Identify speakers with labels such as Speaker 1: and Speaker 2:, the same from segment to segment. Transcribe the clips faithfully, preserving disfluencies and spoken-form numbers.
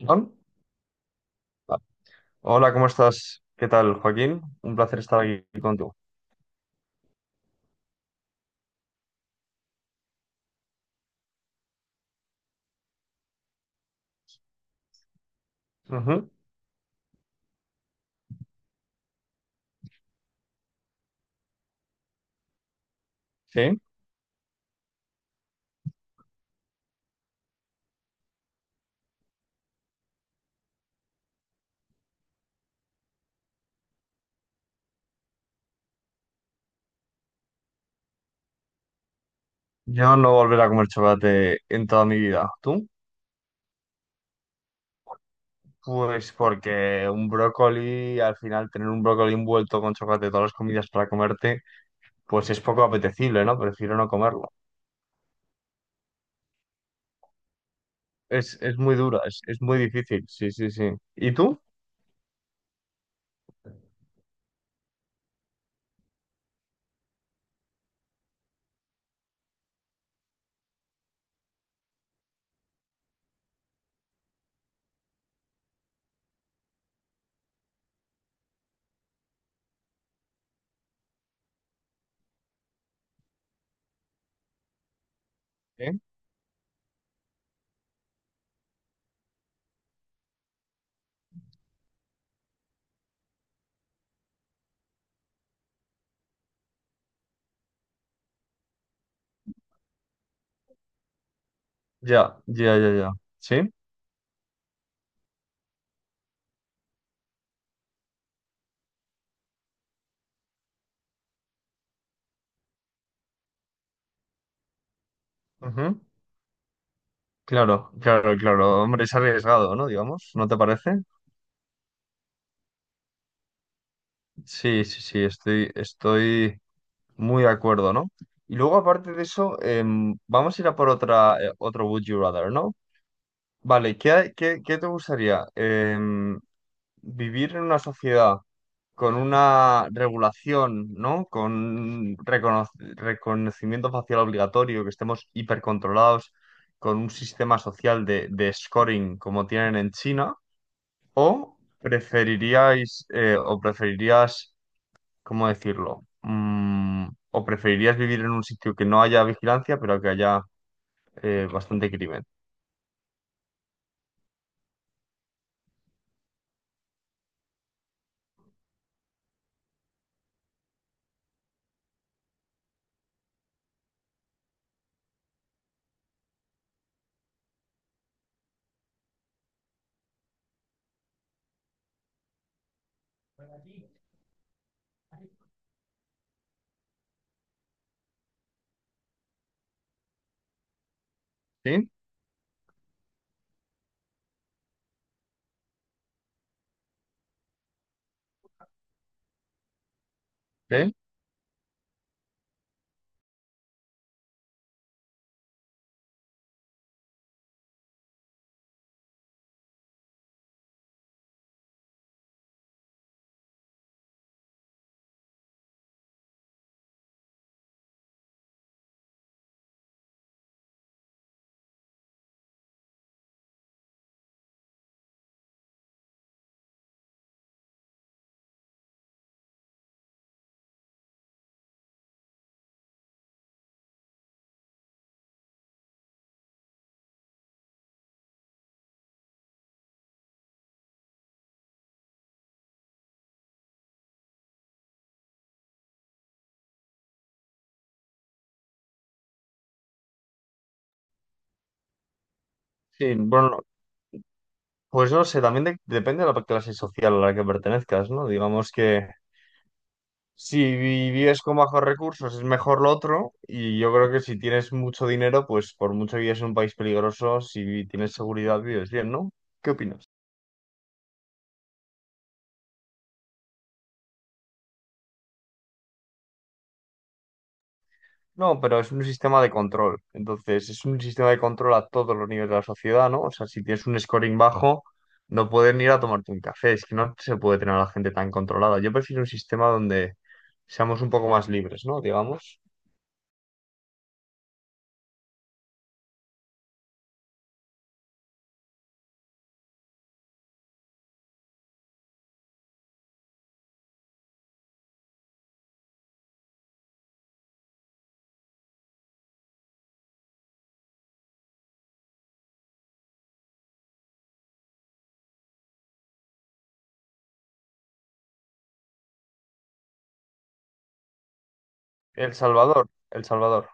Speaker 1: Juan. Hola, ¿cómo estás? ¿Qué tal, Joaquín? Un placer estar aquí contigo. Ujú. Sí. Yo no volveré a comer chocolate en toda mi vida. ¿Tú? Pues porque un brócoli, al final tener un brócoli envuelto con chocolate todas las comidas para comerte, pues es poco apetecible, ¿no? Prefiero no comerlo. Es, es muy dura, es, es muy difícil. Sí, sí, sí. ¿Y tú? ¿Eh? Ya, ya, ya, ya. ¿Sí? Ujú. Claro, claro, claro. Hombre, es arriesgado, ¿no? Digamos, ¿no te parece? Sí, sí, sí, estoy, estoy muy de acuerdo, ¿no? Y luego, aparte de eso, em, vamos a ir a por otra, eh, otro Would You Rather, ¿no? Vale, ¿qué, hay- qué, ¿qué te gustaría? Em, ¿vivir en una sociedad con una regulación, ¿no? Con recono- reconocimiento facial obligatorio, que estemos hipercontrolados, con un sistema social de, de scoring como tienen en China, o preferiríais eh, o preferirías, ¿cómo decirlo? Mm, ¿o preferirías vivir en un sitio que no haya vigilancia, pero que haya eh, bastante crimen? ¿Sí? ¿Sí? Sí, bueno, no. Pues no sé, también de- depende de la clase social a la que pertenezcas, ¿no? Digamos que si vi- vives con bajos recursos es mejor lo otro, y yo creo que si tienes mucho dinero, pues por mucho que vives en un país peligroso, si tienes seguridad vives bien, ¿no? ¿Qué opinas? No, pero es un sistema de control. Entonces, es un sistema de control a todos los niveles de la sociedad, ¿no? O sea, si tienes un scoring bajo, no pueden ir a tomarte un café. Es que no se puede tener a la gente tan controlada. Yo prefiero un sistema donde seamos un poco más libres, ¿no? Digamos. El Salvador, El Salvador.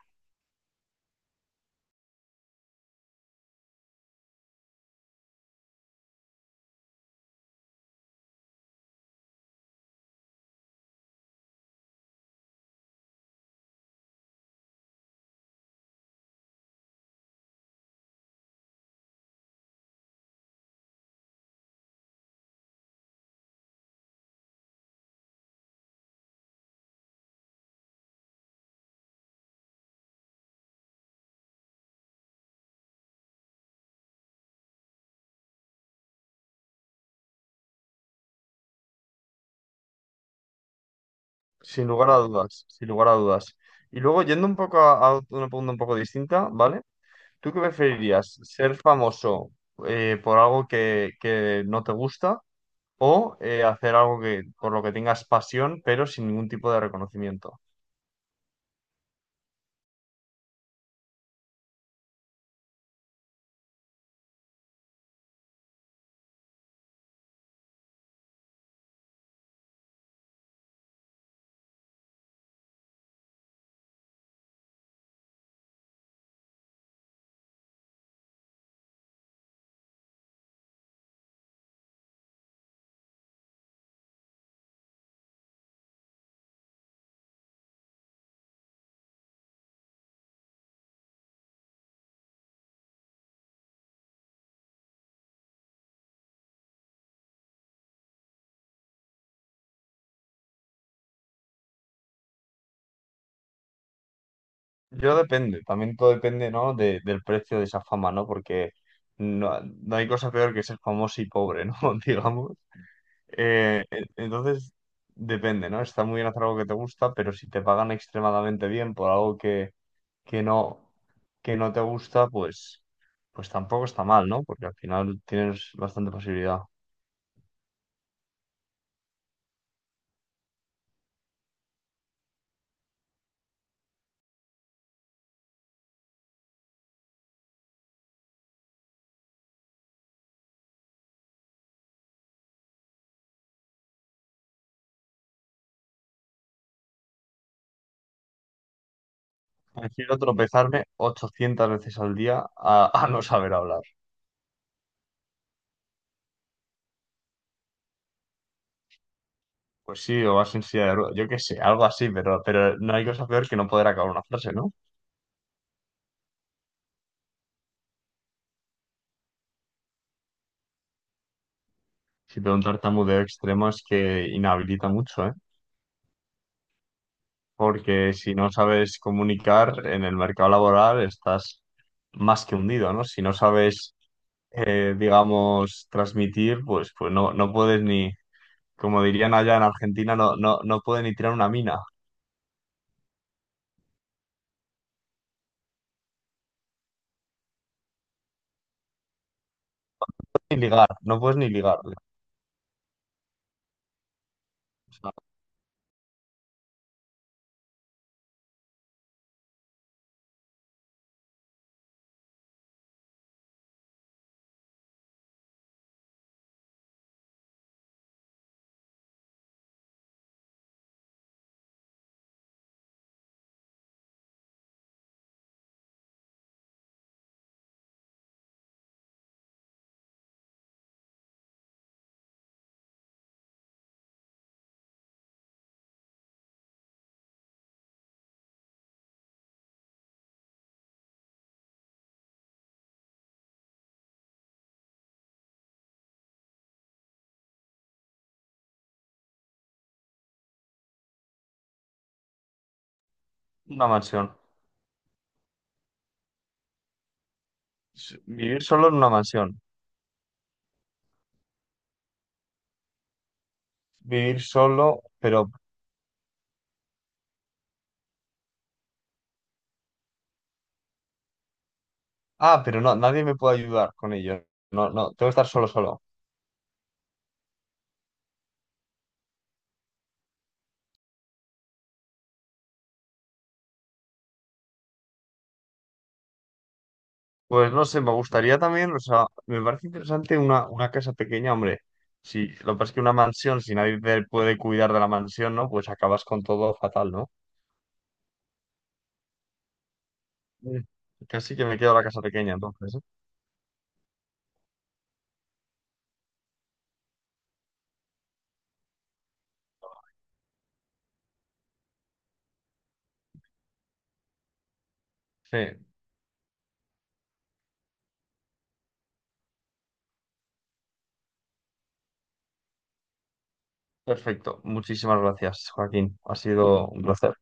Speaker 1: Sin lugar a dudas, sin lugar a dudas. Y luego, yendo un poco a, a una pregunta un poco distinta, ¿vale? ¿Tú qué preferirías? ¿Ser famoso eh, por algo que, que no te gusta? O eh, hacer algo que, por lo que tengas pasión, pero sin ningún tipo de reconocimiento. Yo depende, también todo depende, ¿no? De- del precio de esa fama, ¿no? Porque no, no hay cosa peor que ser famoso y pobre, ¿no? Digamos. Eh, e- entonces, depende, ¿no? Está muy bien hacer algo que te gusta, pero si te pagan extremadamente bien por algo que, que no, que no te gusta, pues, pues tampoco está mal, ¿no? Porque al final tienes bastante posibilidad. Prefiero tropezarme ochocientas veces al día a, a no saber hablar. Pues sí, o vas en silla de ruedas, yo qué sé, algo así, pero, pero no hay cosa peor que no poder acabar una frase, ¿no? Si te da un tartamudeo extremo es que inhabilita mucho, ¿eh? Porque si no sabes comunicar en el mercado laboral estás más que hundido, ¿no? Si no sabes, eh, digamos, transmitir, pues, pues no, no puedes ni, como dirían allá en Argentina, no, no, no puedes ni tirar una mina, ni ligar, no puedes ni ligar. O sea, una mansión. S- Vivir solo en una mansión. Vivir solo, pero... Ah, pero no, nadie me puede ayudar con ello. No, no, tengo que estar solo, solo. Pues no sé, me gustaría también, o sea, me parece interesante una, una casa pequeña, hombre. Si, lo que pasa es que una mansión, si nadie te puede cuidar de la mansión, ¿no? Pues acabas con todo fatal, ¿no? Mm. Casi que me quedo la casa pequeña, entonces. ¿Eh? Sí, perfecto. Muchísimas gracias, Joaquín. Ha sido un placer.